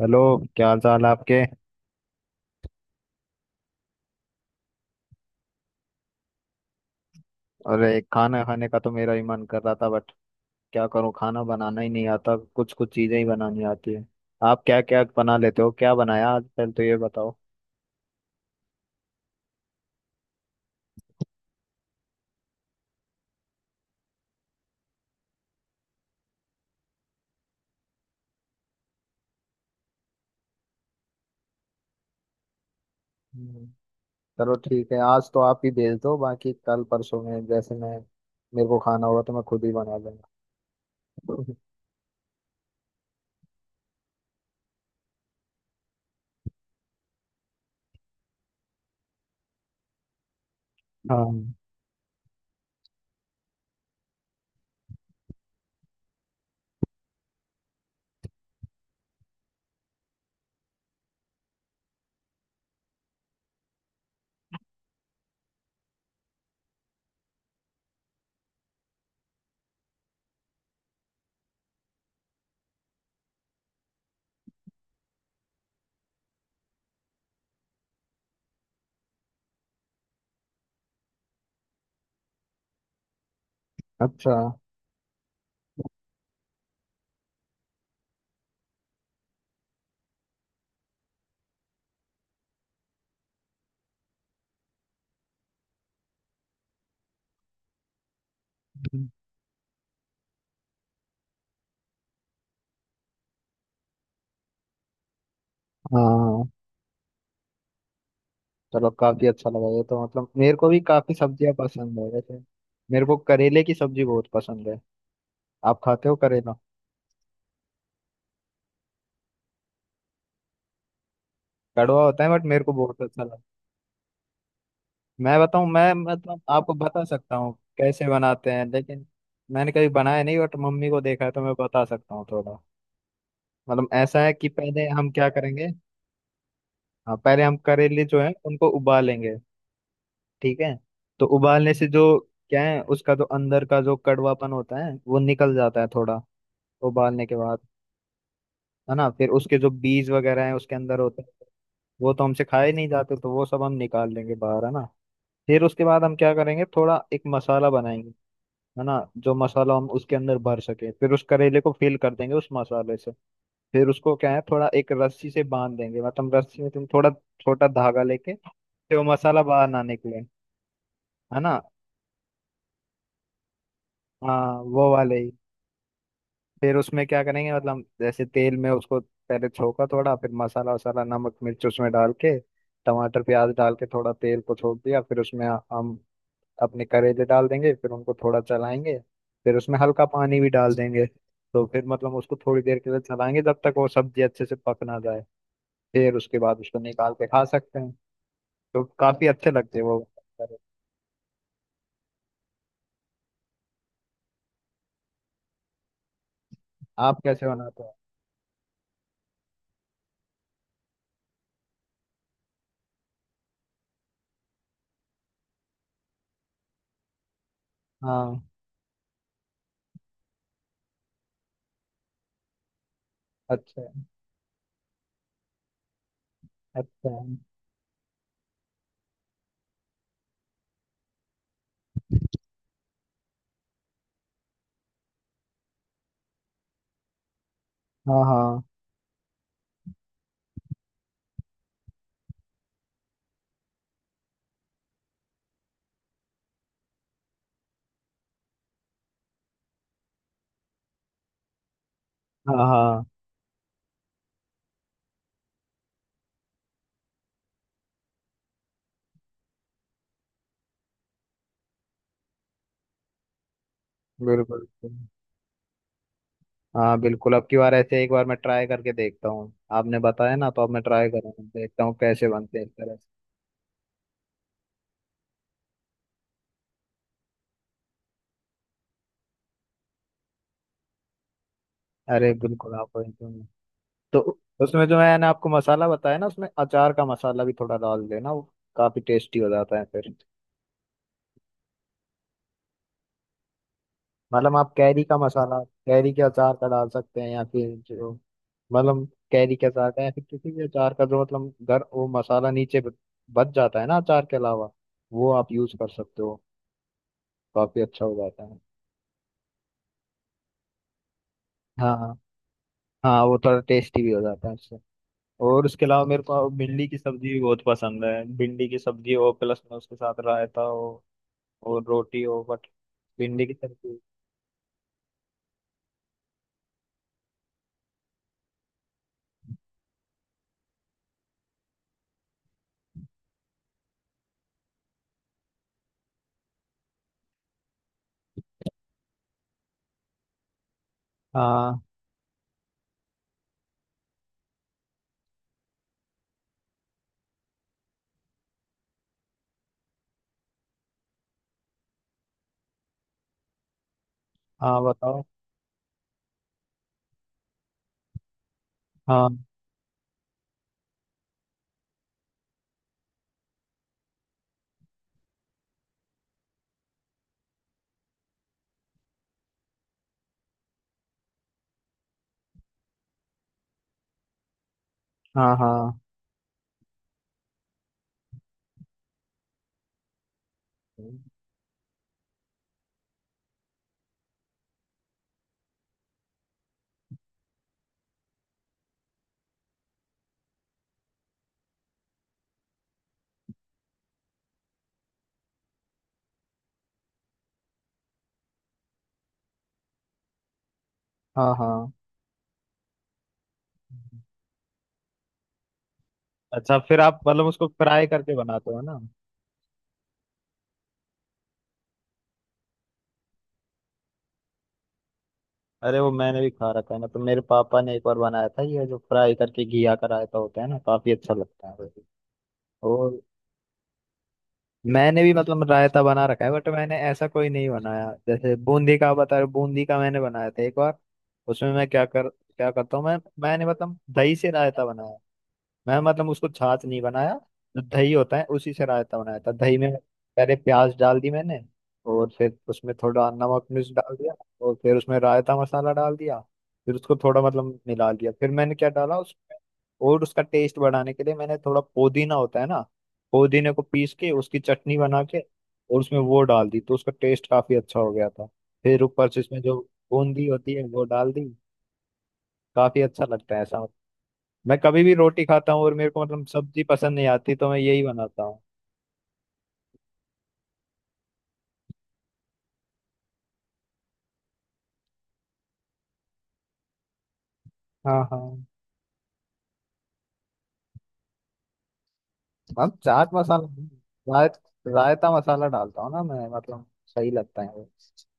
Hello. क्या हाल चाल है आपके? अरे, खाना खाने का तो मेरा ही मन कर रहा था बट क्या करूं, खाना बनाना ही नहीं आता, कुछ कुछ चीजें ही बनानी आती है। आप क्या क्या बना लेते हो? क्या बनाया आज पहले तो ये बताओ। हम्म, चलो ठीक है, आज तो आप ही भेज दो, बाकी कल परसों में जैसे मैं मेरे को खाना होगा तो मैं खुद ही बना लूंगा। हाँ। अच्छा। हाँ, चलो, काफी अच्छा लगा ये तो। मतलब मेरे को भी काफी सब्जियां पसंद है वैसे। मेरे को करेले की सब्जी बहुत पसंद है। आप खाते हो करेला? कड़वा होता है बट मेरे को बहुत अच्छा लगता है। मैं मतलब आपको बता सकता हूँ कैसे बनाते हैं, लेकिन मैंने कभी बनाया नहीं बट मम्मी को देखा है तो मैं बता सकता हूँ थोड़ा। मतलब ऐसा है कि पहले हम क्या करेंगे। हाँ, पहले हम करेले जो है उनको उबालेंगे। ठीक है। तो उबालने से जो क्या है, उसका जो अंदर का जो कड़वापन होता है वो निकल जाता है थोड़ा, उबालने के बाद, है ना? फिर उसके जो बीज वगैरह है उसके अंदर होते हैं, वो तो हमसे खाए नहीं जाते, तो वो सब हम निकाल लेंगे बाहर, है ना? फिर उसके बाद हम क्या करेंगे, थोड़ा एक मसाला बनाएंगे, है ना? जो मसाला हम उसके अंदर भर सके, फिर उस करेले को फिल कर देंगे उस मसाले से। फिर उसको क्या है, थोड़ा एक रस्सी से बांध देंगे, मतलब रस्सी में तुम थोड़ा छोटा धागा लेके, फिर वो मसाला बाहर ना निकले, है ना? हाँ, वो वाले ही। फिर उसमें क्या करेंगे, मतलब जैसे तेल में उसको पहले छोका थोड़ा, फिर मसाला वसाला नमक मिर्च उसमें डाल के, टमाटर प्याज डाल के थोड़ा तेल को छोड़ दिया, फिर उसमें हम अपने करेले डाल देंगे, फिर उनको थोड़ा चलाएंगे, फिर उसमें हल्का पानी भी डाल देंगे। तो फिर मतलब उसको थोड़ी देर के लिए चलाएंगे जब तक वो सब्जी अच्छे से पक ना जाए, फिर उसके बाद उसको निकाल के खा सकते हैं। तो काफी अच्छे लगते हैं वो करेले। आप कैसे बनाते हो? हाँ। अच्छा, अच्छा। हाँ, हाँ, हाँ, हाँ, बिल्कुल बिल्कुल। हाँ बिल्कुल, अब की बार ऐसे एक बार मैं ट्राई करके देखता हूँ। आपने बताया ना, तो अब मैं ट्राई करूँगा, देखता हूँ कैसे बनते हैं इस तरह से। अरे बिल्कुल, आप वही तो। तो उसमें जो मैंने आपको मसाला बताया ना, उसमें अचार का मसाला भी थोड़ा डाल देना, वो काफी टेस्टी हो जाता है फिर। मतलब आप कैरी का मसाला, कैरी के अचार का डाल सकते हैं, या फिर जो मतलब कैरी के अचार का या फिर किसी भी अचार का जो मतलब घर वो मसाला नीचे बच जाता है ना अचार के अलावा, वो आप यूज कर सकते हो, काफी अच्छा हो जाता है। हाँ, हाँ, वो थोड़ा टेस्टी भी हो जाता है उससे। और उसके अलावा मेरे को भिंडी की सब्जी भी बहुत पसंद है, भिंडी की सब्जी हो, प्लस में उसके साथ रायता हो और रोटी हो बट भिंडी की सब्जी। हाँ, हाँ, बताओ। हाँ, हाँ, हाँ, हाँ, हाँ। अच्छा, फिर आप मतलब उसको फ्राई करके बनाते हो ना? अरे, वो मैंने भी खा रखा है ना, तो मेरे पापा ने एक बार बनाया था ये जो फ्राई करके घिया का रायता होता है ना, काफी अच्छा लगता है वो भी। और मैंने भी मतलब रायता बना रखा है बट मैंने ऐसा कोई नहीं बनाया जैसे बूंदी का आप बता रहे हो, बूंदी का मैंने बनाया था एक बार। उसमें मैं क्या करता हूँ, मैंने मतलब दही से रायता बनाया, मैं मतलब उसको छाछ नहीं बनाया, जो दही होता है उसी से रायता बनाया था। दही में पहले प्याज डाल दी मैंने, और फिर उसमें थोड़ा नमक मिर्च डाल दिया, और फिर उसमें रायता मसाला डाल दिया, फिर उसको थोड़ा मतलब मिला लिया, फिर मैंने क्या डाला उसमें, और उसका टेस्ट बढ़ाने के लिए मैंने, थोड़ा पुदीना होता है ना, पुदीने को पीस के उसकी चटनी बना के और उसमें वो डाल दी, तो उसका टेस्ट काफी अच्छा हो गया था। फिर ऊपर से इसमें जो बूंदी होती है वो डाल दी, काफी अच्छा लगता है ऐसा। मैं कभी भी रोटी खाता हूँ और मेरे को मतलब सब्जी पसंद नहीं आती तो मैं यही बनाता हूँ। हाँ, हाँ। हम चाट मसाला नहीं, राय रायता मसाला डालता हूँ ना मैं, मतलब सही लगता है वो,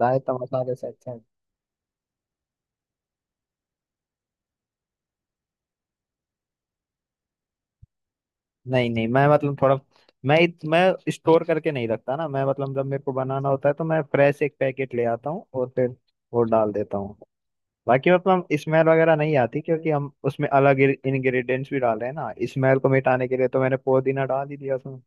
रायता मसाले से अच्छा है। नहीं, नहीं, मैं मतलब थोड़ा, मैं स्टोर करके नहीं रखता ना, मैं मतलब जब मेरे को बनाना होता है तो मैं फ्रेश एक पैकेट ले आता हूँ और फिर वो डाल देता हूँ, बाकी मतलब स्मेल वगैरह नहीं आती क्योंकि हम उसमें अलग इंग्रेडिएंट्स भी डाल रहे हैं ना स्मेल को मिटाने के लिए, तो मैंने पुदीना डाल ही दिया उसमें।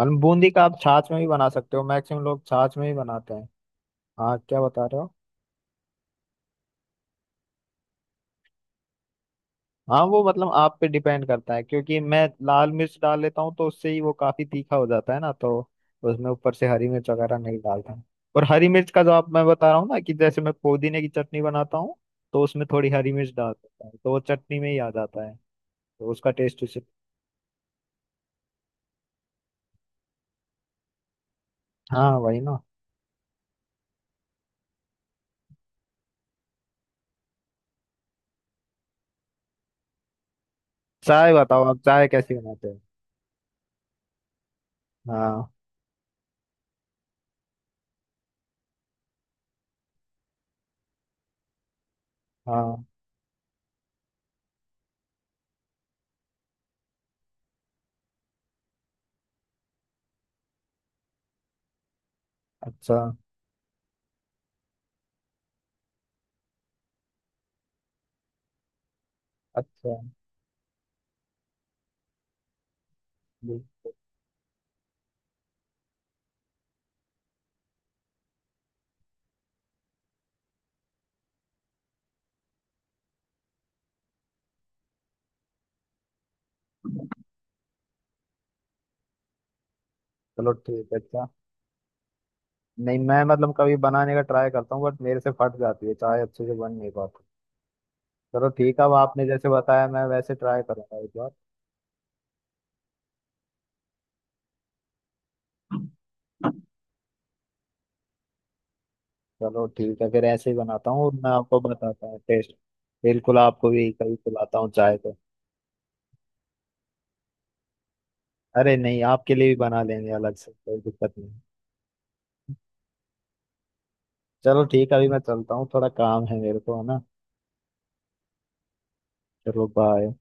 मतलब बूंदी का आप छाछ में भी बना सकते हो, मैक्सिमम लोग छाछ में ही बनाते हैं। हाँ, क्या बता रहे हो? हाँ, वो मतलब आप पे डिपेंड करता है, क्योंकि मैं लाल मिर्च डाल लेता हूँ तो उससे ही वो काफी तीखा हो जाता है ना, तो उसमें ऊपर से हरी मिर्च वगैरह नहीं डालता हूँ। और हरी मिर्च का जो आप, मैं बता रहा हूँ ना कि जैसे मैं पुदीने की चटनी बनाता हूँ तो उसमें थोड़ी हरी मिर्च डाल देता हूँ तो वो चटनी में ही आ जाता है, तो उसका टेस्ट उसे। हाँ वही ना। चाय बताओ, आप चाय कैसी बनाते हो? हाँ, हाँ। अच्छा, अच्छा। बिल्कुल। चलो ठीक है, नहीं मैं मतलब कभी बनाने का ट्राई करता हूँ बट मेरे से फट जाती है चाय, अच्छे से बन नहीं पाती। चलो ठीक है, अब आपने जैसे बताया मैं वैसे ट्राई करूंगा एक बार। चलो ठीक है, फिर ऐसे ही बनाता हूँ और मैं आपको बताता हूँ टेस्ट। बिल्कुल, आपको भी कभी पिलाता हूँ चाय तो। अरे नहीं, आपके लिए भी बना लेंगे अलग से, कोई दिक्कत नहीं। चलो ठीक है, अभी मैं चलता हूँ, थोड़ा काम है मेरे को, है ना? चलो बाय।